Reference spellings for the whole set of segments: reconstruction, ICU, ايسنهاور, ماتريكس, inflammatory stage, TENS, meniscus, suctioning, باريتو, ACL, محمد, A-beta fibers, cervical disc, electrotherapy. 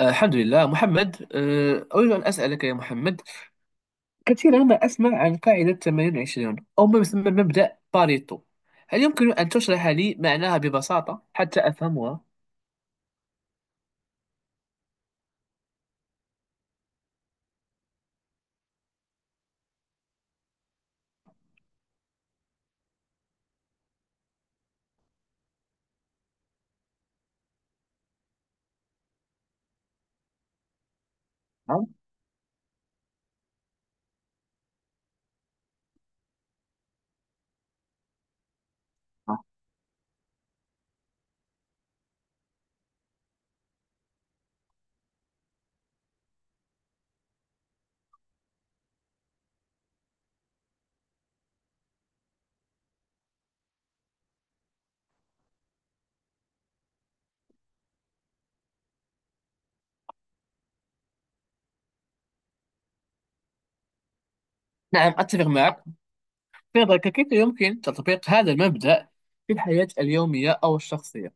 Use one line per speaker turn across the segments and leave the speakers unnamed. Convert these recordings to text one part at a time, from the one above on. الحمد لله محمد. أريد أن أسألك يا محمد، كثيرا ما أسمع عن قاعدة 80 20 أو ما يسمى مبدأ باريتو. هل يمكن أن تشرح لي معناها ببساطة حتى أفهمها؟ نعم. نعم، أتفق معك. في نظرك كيف يمكن تطبيق هذا المبدأ في الحياة اليومية أو الشخصية؟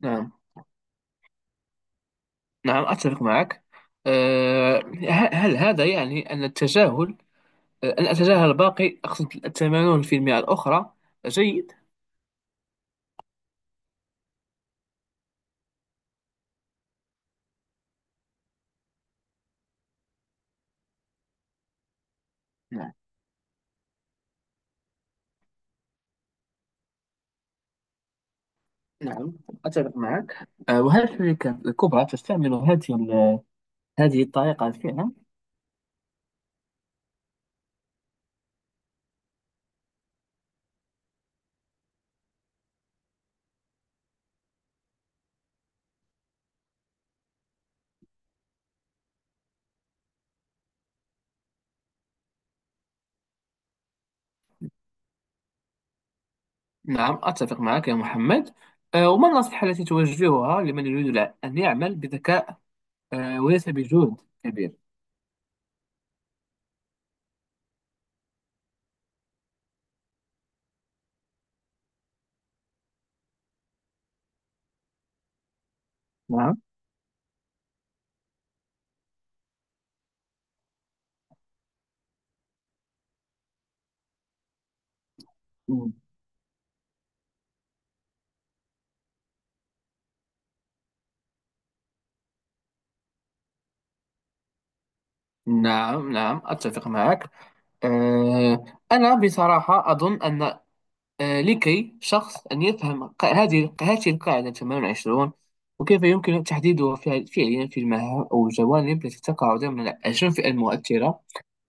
نعم، نعم أتفق معك. هل هذا يعني أن التجاهل، أن أتجاهل الباقي أقصد، 80% الأخرى، جيد؟ نعم. نعم أتفق معك. وهل الشركات الكبرى تستعمل هذه الطريقة فعلا؟ نعم أتفق معك يا محمد. وما النصيحة التي توجهها لمن يريد أن يعمل بذكاء، وليس بجهد كبير؟ نعم. مم. نعم، نعم أتفق معك. آه، أنا بصراحة أظن أن، لكي شخص أن يفهم هذه القاعدة 28، وكيف يمكن تحديدها فعليا في المهام أو الجوانب التي تقع ضمن 20 فئة المؤثرة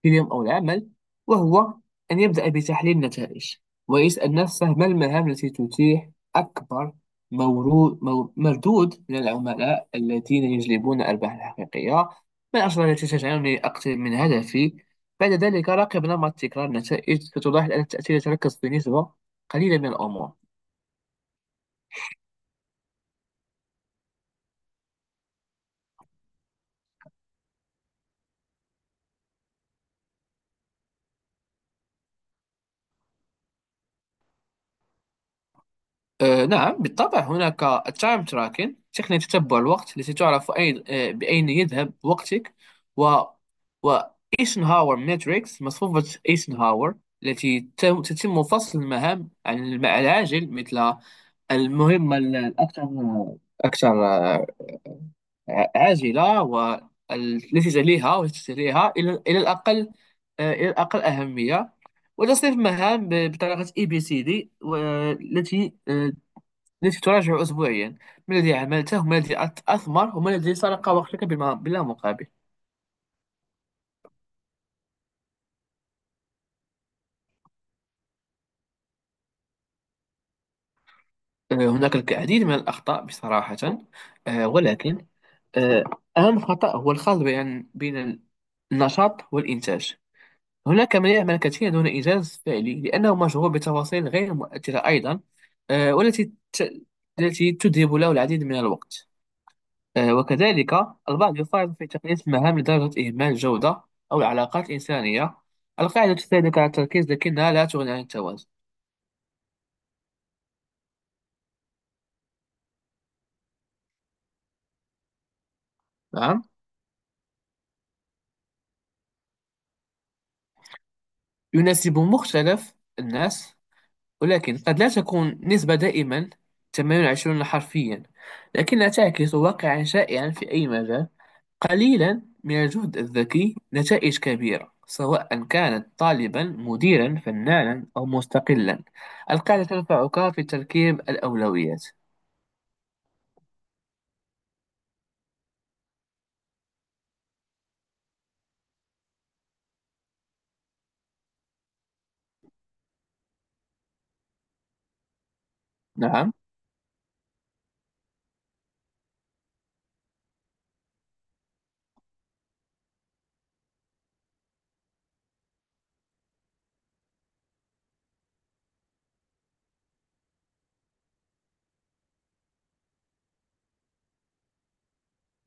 في اليوم أو العمل، وهو أن يبدأ بتحليل النتائج ويسأل نفسه ما المهام التي تتيح أكبر مردود من العملاء الذين يجلبون الأرباح الحقيقية، ما الأسرار التي تجعلني أقترب من هدفي. بعد ذلك راقب نمط تكرار النتائج، ستلاحظ أن التأثير يتركز في نسبة قليلة من الأمور. نعم بالطبع، هناك التايم تراكن تقنية تتبع الوقت التي تعرف أين آه، بأين يذهب وقتك. و و ايسنهاور ماتريكس مصفوفة ايسنهاور التي تتم فصل المهام عن عن العاجل، مثل المهمة الأكثر أكثر آه، عاجلة، والتي تليها والتي تليها إلى الأقل أهمية. وتصنيف مهام بطريقة ABCD، والتي تراجع أسبوعيا، ما الذي عملته، وما الذي أثمر، وما الذي سرق وقتك بلا مقابل. هناك العديد من الأخطاء بصراحة. ولكن آه، أهم خطأ هو الخلط بين النشاط والإنتاج. هناك من يعمل كثيرا دون إنجاز فعلي لأنه مشغول بتفاصيل غير مؤثرة أيضا، والتي التي تذهب له العديد من الوقت. وكذلك البعض يقارن في تقليص المهام لدرجة إهمال الجودة أو العلاقات الإنسانية. القاعدة تساعدك على التركيز لكنها لا تغني عن التوازن. نعم، يناسب مختلف الناس، ولكن قد لا تكون نسبة دائما 80 20 حرفيا، لكنها تعكس واقعا شائعا في أي مجال. قليلا من الجهد الذكي، نتائج كبيرة، سواء كانت طالبا، مديرا، فنانا أو مستقلا. القاعدة تنفعك في تركيب الأولويات. نعم،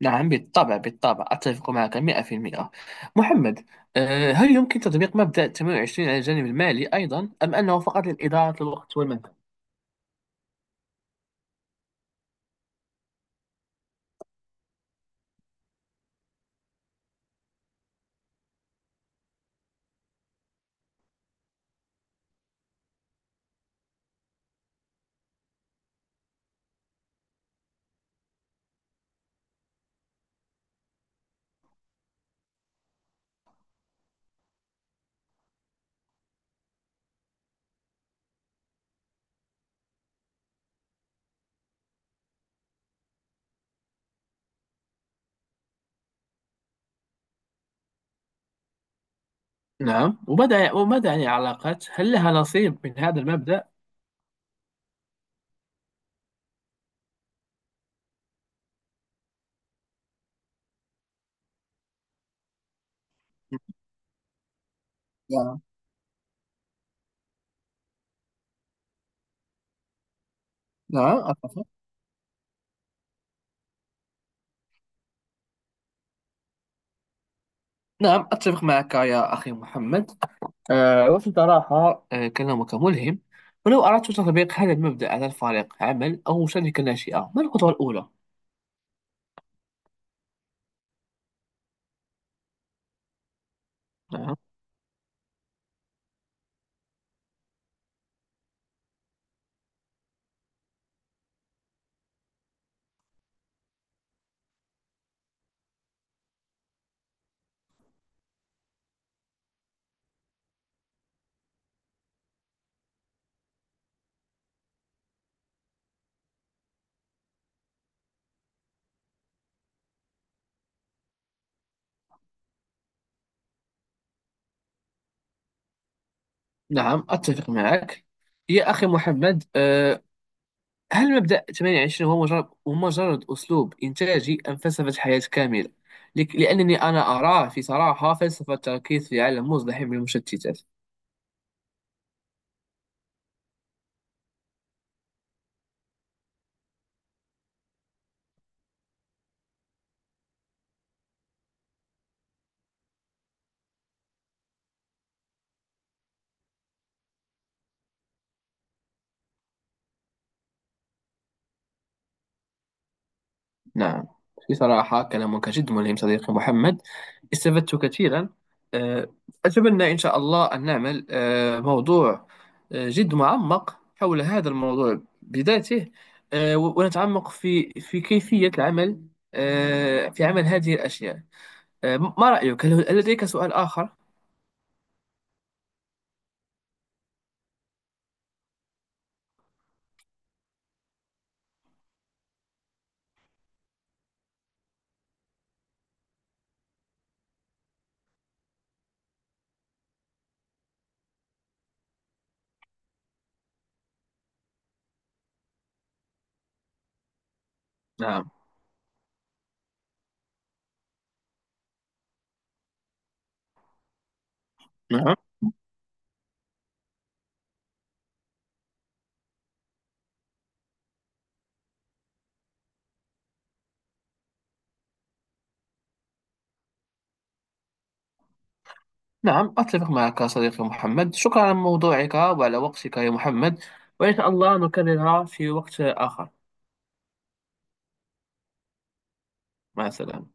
نعم، بالطبع بالطبع أتفق معك 100%. محمد، هل يمكن تطبيق مبدأ 28 على الجانب المالي أيضا، أم أنه فقط للإدارة الوقت والمال؟ نعم. وماذا عن العلاقات؟ هل لها نصيب من هذا المبدأ؟ نعم، نعم أتفق. نعم أتفق معك يا أخي محمد. وفي صراحة كلامك ملهم. ولو أردت تطبيق هذا المبدأ على الفريق عمل أو شركة ناشئة، ما الخطوة الأولى؟ نعم، نعم أتفق معك يا أخي محمد. هل مبدأ 28 هو مجرد أسلوب إنتاجي أم فلسفة حياة كاملة؟ لأنني أنا أراه في صراحة فلسفة تركيز في عالم مزدحم بالمشتتات. نعم، في صراحة كلامك جد ملهم صديقي محمد، استفدت كثيرا. أه، أتمنى إن شاء الله أن نعمل، موضوع جد معمق حول هذا الموضوع بذاته، ونتعمق في كيفية العمل، في عمل هذه الأشياء. ما رأيك؟ هل لديك سؤال آخر؟ نعم، نعم، نعم أتفق معك صديقي محمد، شكرا على موضوعك وعلى وقتك يا محمد، وإن شاء الله نكررها في وقت آخر. مع السلامة.